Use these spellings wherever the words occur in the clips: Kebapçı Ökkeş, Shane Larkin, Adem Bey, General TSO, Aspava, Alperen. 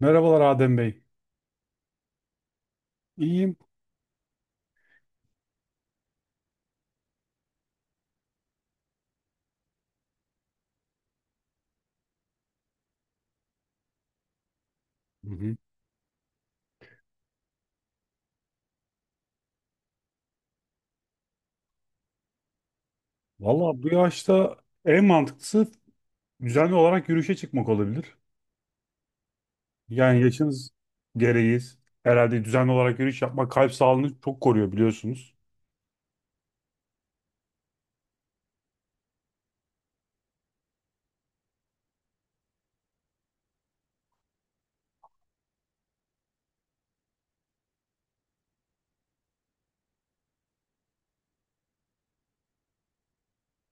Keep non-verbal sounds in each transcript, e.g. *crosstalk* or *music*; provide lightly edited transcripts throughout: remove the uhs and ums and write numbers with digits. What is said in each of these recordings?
Merhabalar Adem Bey. İyiyim. Hı hı. Valla bu yaşta en mantıklısı düzenli olarak yürüyüşe çıkmak olabilir. Yani yaşınız gereği herhalde düzenli olarak yürüyüş yapmak kalp sağlığını çok koruyor biliyorsunuz.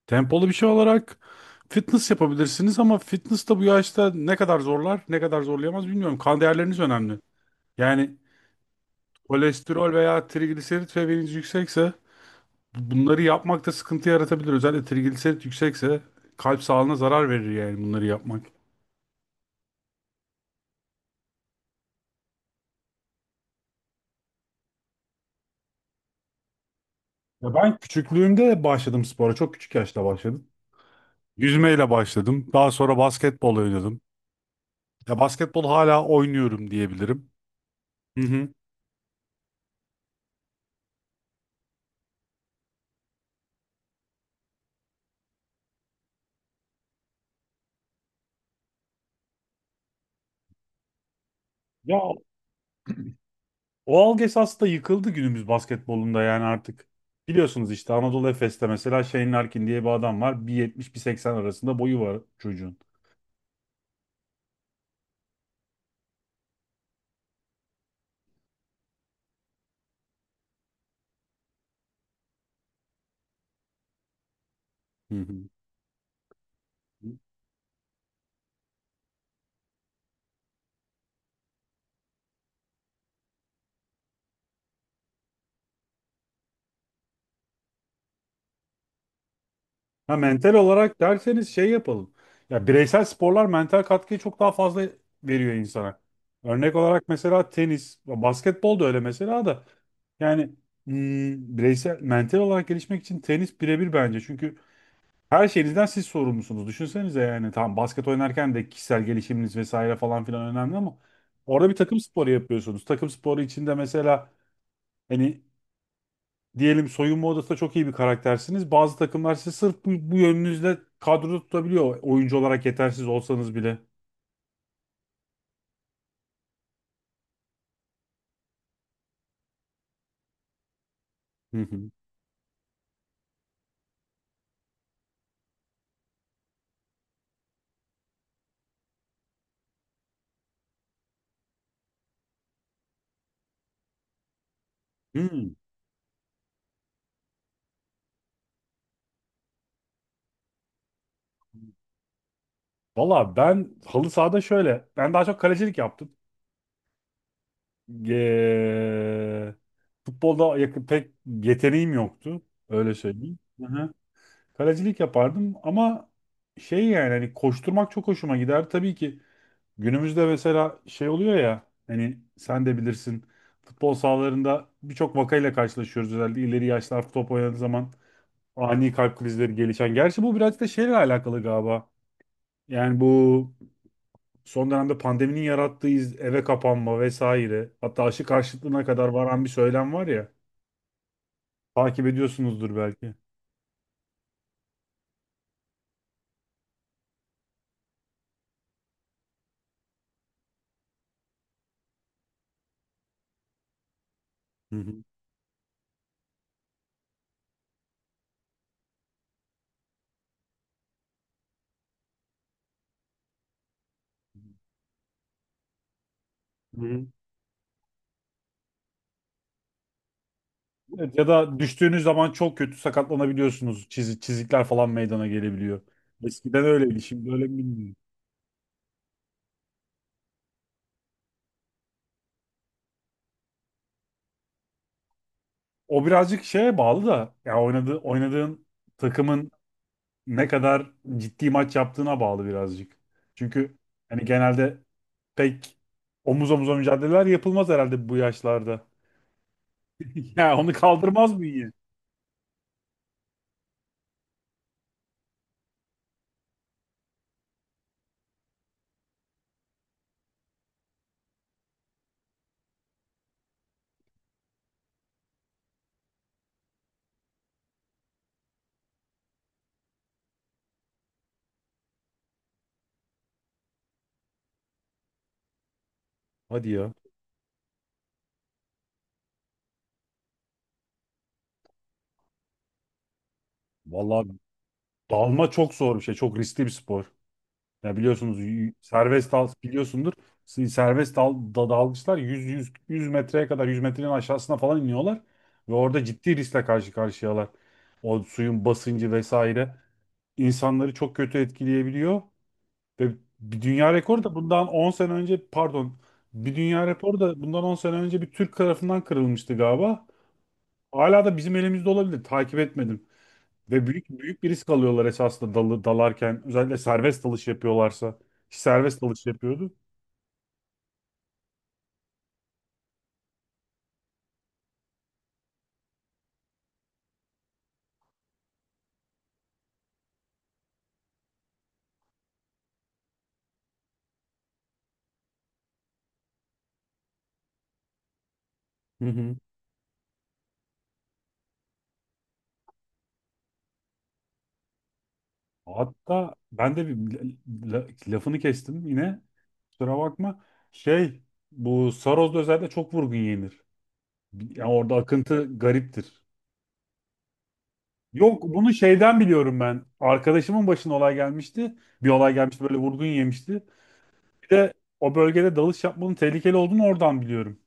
Tempolu bir şey olarak fitness yapabilirsiniz ama fitness da bu yaşta ne kadar zorlar, ne kadar zorlayamaz bilmiyorum. Kan değerleriniz önemli. Yani kolesterol veya trigliserit seviyeniz yüksekse bunları yapmakta sıkıntı yaratabilir. Özellikle trigliserit yüksekse kalp sağlığına zarar verir yani bunları yapmak. Ya ben küçüklüğümde başladım spora. Çok küçük yaşta başladım. Yüzmeyle başladım. Daha sonra basketbol oynadım. Ya basketbol hala oynuyorum diyebilirim. Hı hı. Ya o algı esasında yıkıldı günümüz basketbolunda yani artık. Biliyorsunuz işte Anadolu Efes'te mesela Shane Larkin diye bir adam var. Bir 180 arasında boyu var çocuğun. Hı hı. Ha, mental olarak derseniz şey yapalım. Ya bireysel sporlar mental katkıyı çok daha fazla veriyor insana. Örnek olarak mesela tenis, basketbol da öyle mesela da. Yani bireysel, mental olarak gelişmek için tenis birebir bence. Çünkü her şeyinizden siz sorumlusunuz. Düşünsenize yani tamam basket oynarken de kişisel gelişiminiz vesaire falan filan önemli ama orada bir takım sporu yapıyorsunuz. Takım sporu içinde mesela hani diyelim soyunma odasında çok iyi bir karaktersiniz. Bazı takımlar sizi sırf bu yönünüzle kadroda tutabiliyor. Oyuncu olarak yetersiz olsanız bile. Hı hı. Hmm. Valla ben halı sahada şöyle. Ben daha çok kalecilik yaptım. Eee, Futbolda yakın, pek yeteneğim yoktu. Öyle söyleyeyim. Hı hı. Kalecilik yapardım ama şey yani hani koşturmak çok hoşuma gider. Tabii ki günümüzde mesela şey oluyor ya hani sen de bilirsin futbol sahalarında birçok vakayla karşılaşıyoruz özellikle ileri yaşlar top oynadığı zaman ani kalp krizleri gelişen. Gerçi bu biraz da şeyle alakalı galiba. Yani bu son dönemde pandeminin yarattığı eve kapanma vesaire hatta aşı karşıtlığına kadar varan bir söylem var ya takip ediyorsunuzdur belki. Hı hı. Hı hı. Evet, ya da düştüğünüz zaman çok kötü sakatlanabiliyorsunuz. Çizikler falan meydana gelebiliyor. Eskiden öyleydi, şimdi öyle mi bilmiyorum. O birazcık şeye bağlı da ya oynadığın takımın ne kadar ciddi maç yaptığına bağlı birazcık. Çünkü hani genelde pek omuz omuza mücadeleler yapılmaz herhalde bu yaşlarda. *laughs* Ya onu kaldırmaz bünye. Hadi ya. Vallahi dalma çok zor bir şey. Çok riskli bir spor. Ya biliyorsunuz serbest dal biliyorsundur. Serbest dalgıçlar 100 100 100 metreye kadar 100 metrenin aşağısına falan iniyorlar ve orada ciddi riskle karşı karşıyalar. O suyun basıncı vesaire insanları çok kötü etkileyebiliyor ve bir dünya rekoru da bundan 10 sene önce pardon bir dünya rekoru da bundan 10 sene önce bir Türk tarafından kırılmıştı galiba. Hala da bizim elimizde olabilir. Takip etmedim. Ve büyük büyük bir risk alıyorlar esasında dalarken. Özellikle serbest dalış yapıyorlarsa. Ki serbest dalış yapıyordu. Hı hı. Hatta ben de bir lafını kestim yine. Kusura bakma. Şey, bu Saros'da özellikle çok vurgun yenir. Yani orada akıntı gariptir. Yok bunu şeyden biliyorum ben. Arkadaşımın başına olay gelmişti. Bir olay gelmişti, böyle vurgun yemişti. Bir de o bölgede dalış yapmanın tehlikeli olduğunu oradan biliyorum.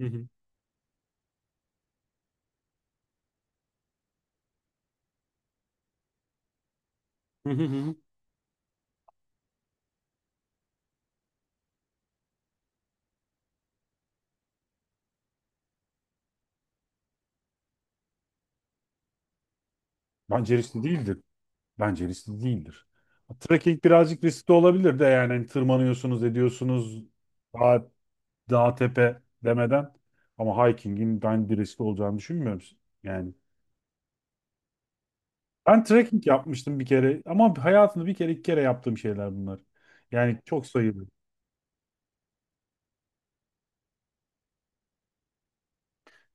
Hı hı. Hı hı hı. Hı. Bence riskli değildi. Bence riskli değildir. Trekking birazcık riskli olabilir de yani hani tırmanıyorsunuz ediyorsunuz dağ, dağ tepe demeden ama hiking'in ben bir riskli olacağını düşünmüyorum. Yani ben trekking yapmıştım bir kere ama hayatımda bir kere iki kere yaptığım şeyler bunlar. Yani çok sayılı.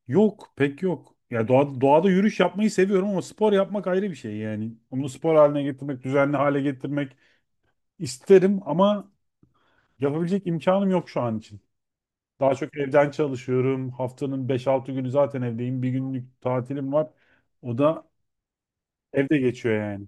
Yok pek yok. Ya doğada yürüyüş yapmayı seviyorum ama spor yapmak ayrı bir şey yani. Onu spor haline getirmek, düzenli hale getirmek isterim ama yapabilecek imkanım yok şu an için. Daha çok evden çalışıyorum. Haftanın beş altı günü zaten evdeyim. Bir günlük tatilim var. O da evde geçiyor yani.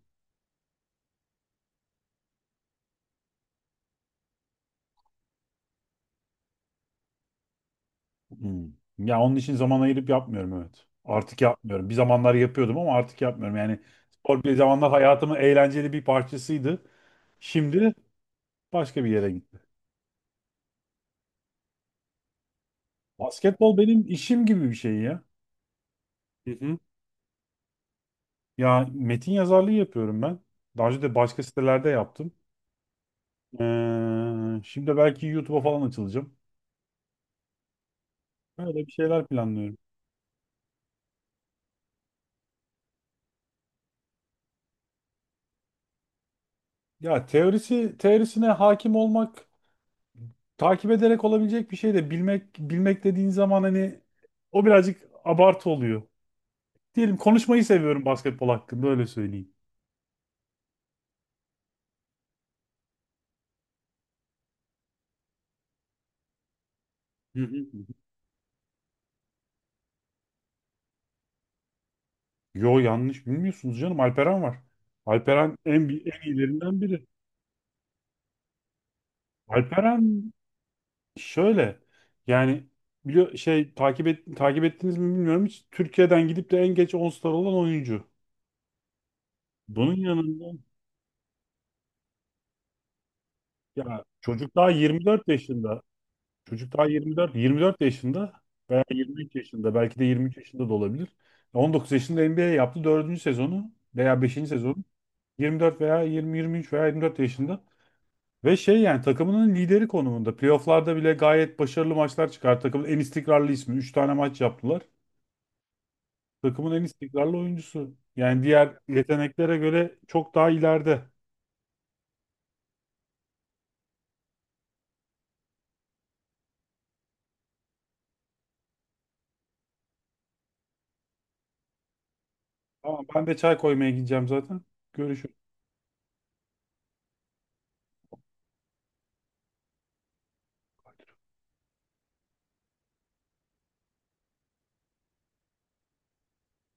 Hmm. Ya onun için zaman ayırıp yapmıyorum, evet. Artık yapmıyorum. Bir zamanlar yapıyordum ama artık yapmıyorum. Yani spor bir zamanlar hayatımın eğlenceli bir parçasıydı. Şimdi başka bir yere gitti. Basketbol benim işim gibi bir şey ya. Hı hı. Ya metin yazarlığı yapıyorum ben. Daha önce de başka sitelerde yaptım. Şimdi belki YouTube'a falan açılacağım. Öyle bir şeyler planlıyorum. Ya teorisine hakim olmak takip ederek olabilecek bir şey, de bilmek bilmek dediğin zaman hani o birazcık abartı oluyor. Diyelim konuşmayı seviyorum basketbol hakkında, öyle söyleyeyim. Hı hı. Yo yanlış bilmiyorsunuz, canım Alperen var. Alperen en iyilerinden biri. Alperen şöyle yani biliyor şey takip ettiniz mi bilmiyorum hiç Türkiye'den gidip de en geç 10 star olan oyuncu. Bunun yanında ya çocuk daha 24 yaşında. Çocuk daha 24, 24 yaşında veya 23 yaşında, belki de 23 yaşında da olabilir. 19 yaşında NBA yaptı dördüncü sezonu veya beşinci sezonu. 24 veya 20, 23 veya 24 yaşında. Ve şey yani takımının lideri konumunda. Playoff'larda bile gayet başarılı maçlar çıkar. Takımın en istikrarlı ismi. 3 tane maç yaptılar. Takımın en istikrarlı oyuncusu. Yani diğer yeteneklere göre çok daha ileride. Tamam, ben de çay koymaya gideceğim zaten. Görüşürüz.